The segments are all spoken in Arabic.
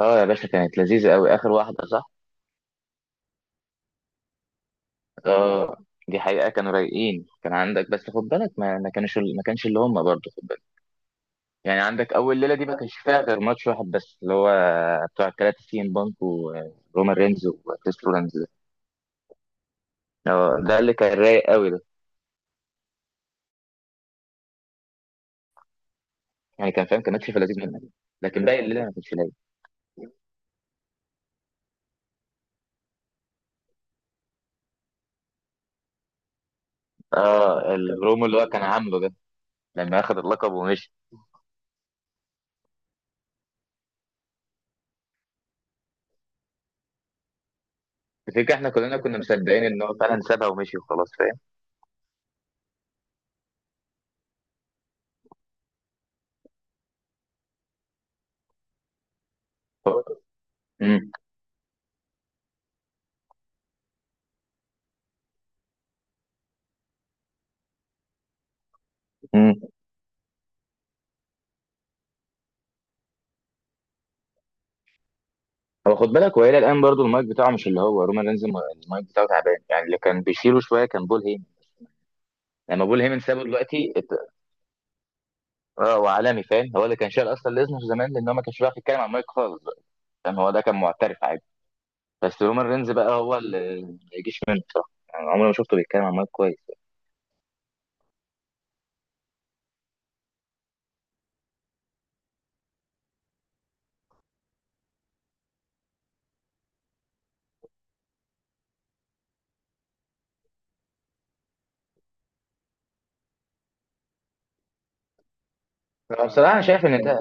اه يا باشا، كانت لذيذة قوي، آخر واحدة صح؟ اه دي حقيقة، كانوا رايقين. كان عندك بس خد بالك ما كانش اللي هم برضه، خد بالك. يعني عندك أول ليلة دي ما كانش فيها غير ماتش واحد بس، اللي هو بتوع التلاتة، سي ام بانك ورومان رينز وكريس رولانز ده. ده اللي كان رايق قوي ده. يعني كان فاهم، كان ماتش في لذيذ منك. لكن باقي الليلة ما كانش لايق. اه، البرومو اللي هو كان عامله ده، لما أخد اللقب ومشي. الفكرة احنا كلنا كنا مصدقين ان هو فعلا سابها ومشي وخلاص، فاهم؟ مم. هو خد بالك، وإلى الآن برضو المايك بتاعه مش اللي هو رومان رينز المايك بتاعه تعبان. يعني اللي كان بيشيله شوية كان بول هيمن. يعني لما بول هيمن سابه دلوقتي اه، وعالمي فاهم. هو اللي كان شايل أصلا ليزنر زمان، لأن هو ما كانش بيعرف يتكلم على المايك خالص بقى. فاهم؟ هو ده كان معترف عادي. بس رومان رينز بقى هو اللي ما يجيش منه بصراحة. يعني عمري ما شفته بيتكلم على المايك كويس. أنا بصراحة، أنا شايف إن ده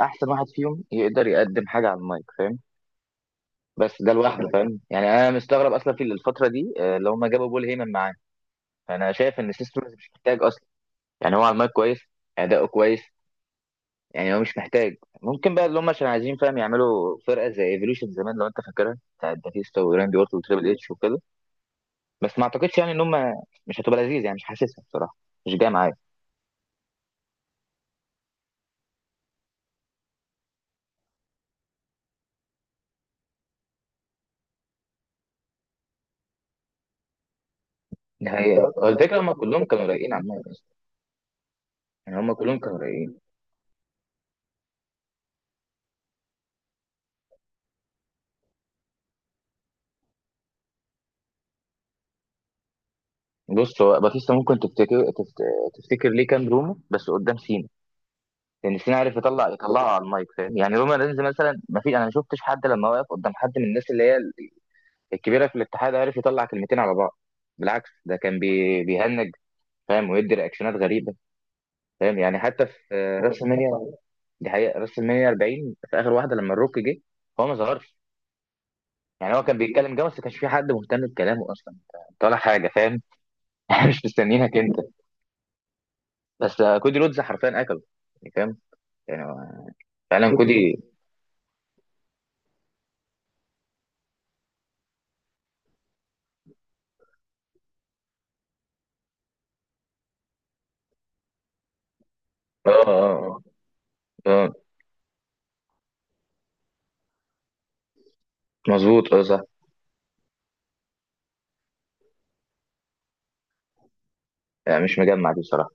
أحسن واحد فيهم يقدر يقدم حاجة على المايك، فاهم. بس ده لوحده، فاهم. يعني أنا مستغرب أصلا في الفترة دي اللي هم جابوا بول هيمن معاه. فأنا شايف إن سيستم مش محتاج أصلا. يعني هو على المايك كويس، اداؤه كويس، يعني هو مش محتاج. ممكن بقى اللي هم عشان عايزين، فاهم، يعملوا فرقه زي ايفولوشن زمان، لو انت فاكرها، بتاعت باتيستا وراندي اورتون وتريبل اتش وكده. بس ما اعتقدش يعني ان هم، مش هتبقى لذيذ يعني، مش حاسسها بصراحه، مش جايه معايا. ده هي هو الفكره، هم كلهم كانوا رايقين على المايك اصلا. يعني هم كلهم كانوا رايقين. بص، هو باتيستا ممكن تفتكر ليه كان روما بس قدام سينا. لان سينا عارف يطلعه على المايك، فاهم. يعني روما رينز مثلا، ما في، انا ما شفتش حد لما وقف قدام حد من الناس اللي هي الكبيره في الاتحاد، عرف يطلع كلمتين على بعض. بالعكس، ده كان بيهنج، فاهم، ويدي رياكشنات غريبه. فاهم؟ يعني حتى في راس المنيا، دي حقيقه راس المنيا 40، في اخر واحده لما الروك جه هو ما ظهرش. يعني هو كان بيتكلم جه، بس ما كانش في حد مهتم بكلامه اصلا. طالع حاجه، فاهم. احنا مش مستنيينك انت. بس كودي رودز حرفيا اكله. يعني فاهم، يعني هو فعلا كودي. اه، اه، اه. آه، آه، مظبوط اه صح. يعني مش مجمع دي بصراحه.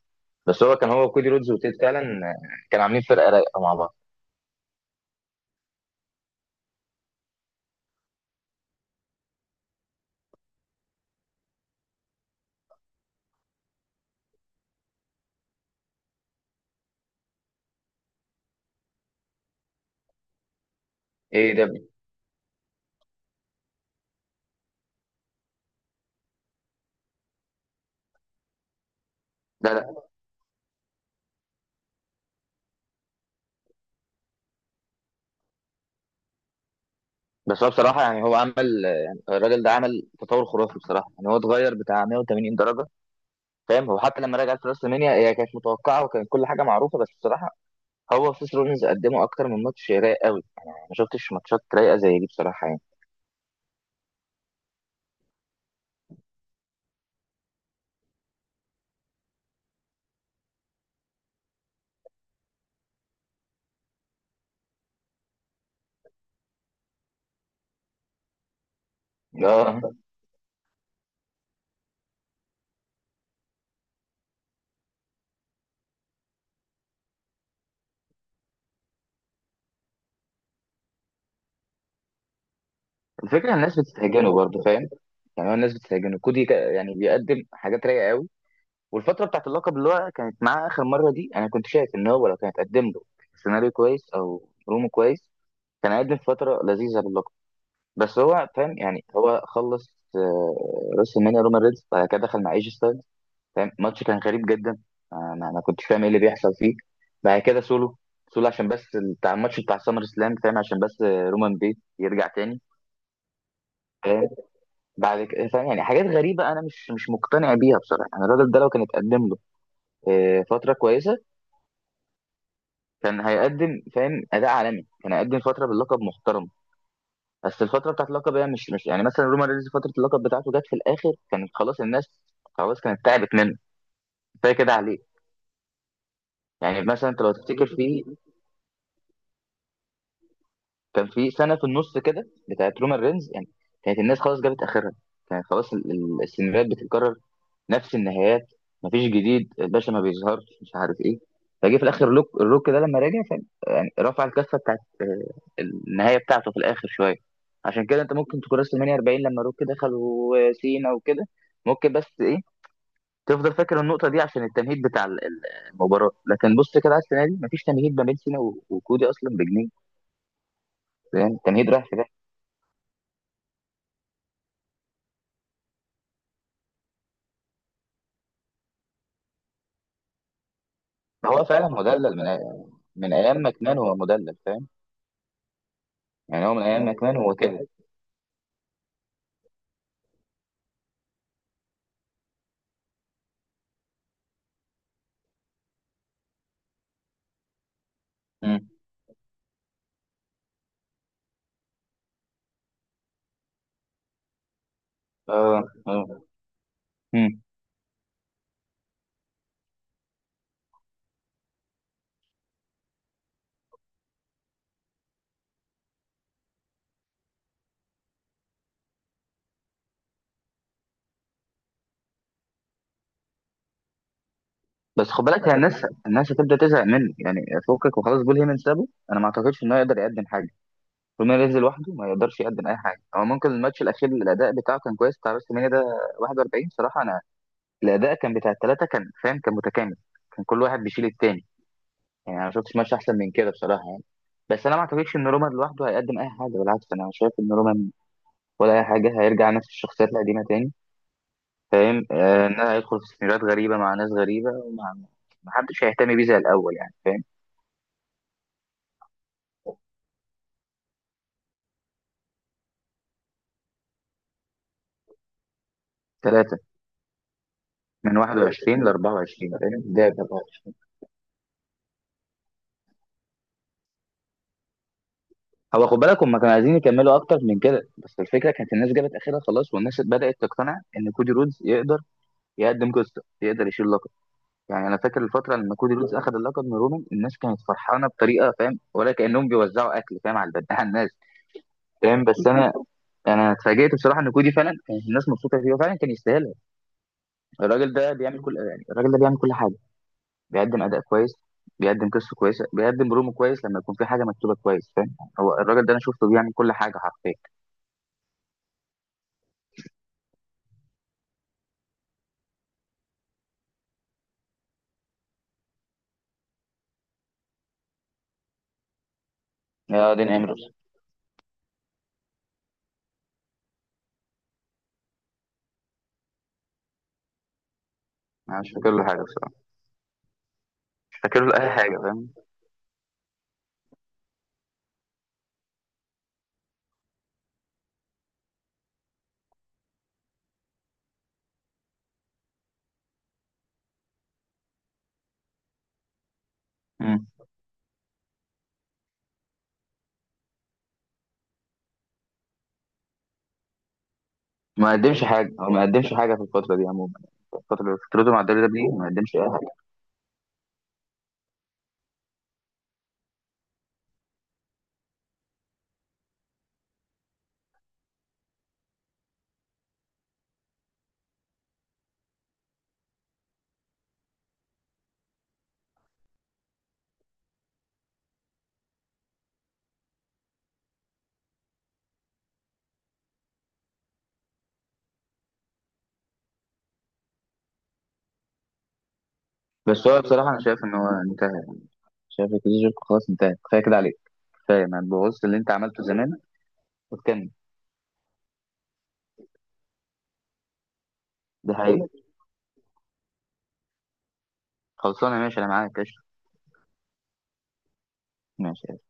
بس هو كان، هو كودي رودز وتيد فعلا، آه، كانوا عاملين فرقه رايقه مع بعض. ايه ده؟ لا لا. بس هو بصراحة، يعني هو عمل، يعني الراجل ده عمل تطور خرافي بصراحة. يعني هو اتغير بتاع 180 درجة. فاهم؟ هو حتى لما رجع في راس المنيا، هي كانت متوقعة وكانت كل حاجة معروفة، بس بصراحة هو وسيس رولينز قدموا أكتر من ماتش رايق قوي. يعني أنا ما شفتش ماتشات رايقة زي دي بصراحة يعني. اه. الفكرة إن الناس بتستهجنه برضه، فاهم. يعني هو الناس بتستهجنه، يعني بيقدم حاجات رايقة قوي. والفترة بتاعت اللقب اللي هو كانت معاه آخر مرة دي، أنا كنت شايف إن هو لو كانت قدم له سيناريو كويس أو برومو كويس، كان هيقدم فترة لذيذة باللقب. بس هو فاهم، يعني هو خلص راس المانيا، رومان ريدز بعد كده دخل مع ايجي ستايلز، فاهم. ماتش كان غريب جدا، انا كنتش فاهم ايه اللي بيحصل فيه. بعد كده سولو عشان بس بتاع الماتش بتاع سامر سلام، فاهم، عشان بس رومان بيت يرجع تاني. فاهم؟ بعد كده فاهم يعني حاجات غريبه، انا مش مقتنع بيها بصراحه. انا الراجل ده لو كان اتقدم له فتره كويسه، كان هيقدم فاهم اداء عالمي، كان هيقدم فتره باللقب محترم. بس الفتره بتاعت اللقب هي مش يعني، مثلا رومان رينز فتره اللقب بتاعته جت في الاخر، كانت خلاص الناس، خلاص كانت تعبت منه، كفايه كده عليه. يعني مثلا انت لو تفتكر في، كان في سنه في النص كده بتاعت رومان رينز يعني، كانت الناس خلاص جابت اخرها. كانت خلاص السيناريوهات بتتكرر، نفس النهايات، مفيش جديد، الباشا ما بيظهرش، مش عارف ايه. فجه في الاخر لوك الروك ده لما راجع، كان يعني رفع الكفه بتاعت النهايه بتاعته في الاخر شويه. عشان كده انت ممكن تكون راس المانيا 40 لما روك دخل وسينا وكده، ممكن، بس ايه، تفضل فاكر النقطه دي عشان التمهيد بتاع المباراه. لكن بص كده على السنه دي، مفيش تمهيد ما بين سينا وكودي اصلا بجنيه. يعني التمهيد رايح في ده. هو فعلا مدلل من من ايام ماكمان، هو مدلل فاهم. يعني هو من ايام ماكمان هو كده. مم. اه اه. بس خد بالك، هي الناس هتبدا تزهق منه. يعني فكك وخلاص، بول هيمن سابه، انا ما اعتقدش انه يقدر يقدم حاجه. طول ما ينزل لوحده، ما يقدرش يقدم اي حاجه. هو ممكن الماتش الاخير الاداء بتاعه كان كويس، بتاع بس المانيا ده 41، صراحه. انا الاداء كان بتاع الثلاثه، كان فاهم، كان متكامل، كان كل واحد بيشيل التاني. يعني انا ما شفتش ماتش احسن من كده بصراحه يعني. بس انا ما اعتقدش ان رومان لوحده هيقدم اي حاجه، بالعكس انا شايف ان رومان، ولا اي حاجه، هيرجع نفس الشخصيات القديمه تاني. فاهم ان هيدخل في سيناريوهات غريبه، مع ناس غريبه، ومع محدش هيهتم بيه زي الاول يعني. ثلاثة، من 21 ل 24، فاهم ده بقى. هو خد بالك، هم كانوا عايزين يكملوا اكتر من كده، بس الفكره كانت الناس جابت اخرها خلاص، والناس بدات تقتنع ان كودي رودز يقدر يقدم قصه، يقدر يشيل لقب. يعني انا فاكر الفتره لما كودي رودز اخذ اللقب من رومان، الناس كانت فرحانه بطريقه، فاهم، ولا كانهم بيوزعوا اكل، فاهم، على على الناس. فاهم؟ بس انا، انا اتفاجئت بصراحه ان كودي فعلا كانت الناس مبسوطه فيه، وفعلا كان يستاهلها. الراجل ده بيعمل كل، يعني الراجل ده بيعمل كل حاجه، بيقدم اداء كويس، بيقدم قصه كويسه، بيقدم برومو كويس لما يكون في حاجه مكتوبه كويس، فاهم. هو الراجل ده انا شفته بيعمل كل حاجه حرفيا. يا دين امرس، انا مش فاكر له حاجه بصراحه، مش فاكر له اي حاجه فاهم. مم. ما قدمش حاجه، هو ما قدمش حاجه في الفتره دي عموما، الفترة فترته مع الدوري ده. ما قدمش اي حاجه. بس هو بصراحه انا شايف ان هو انتهى، شايف الكارير خلاص انتهى، كفايه كده عليك، كفايه ما تبوظش اللي انت عملته زمان وتكمل. ده حقيقي. خلصانه، ماشي، انا معاك قشطه. ماشي.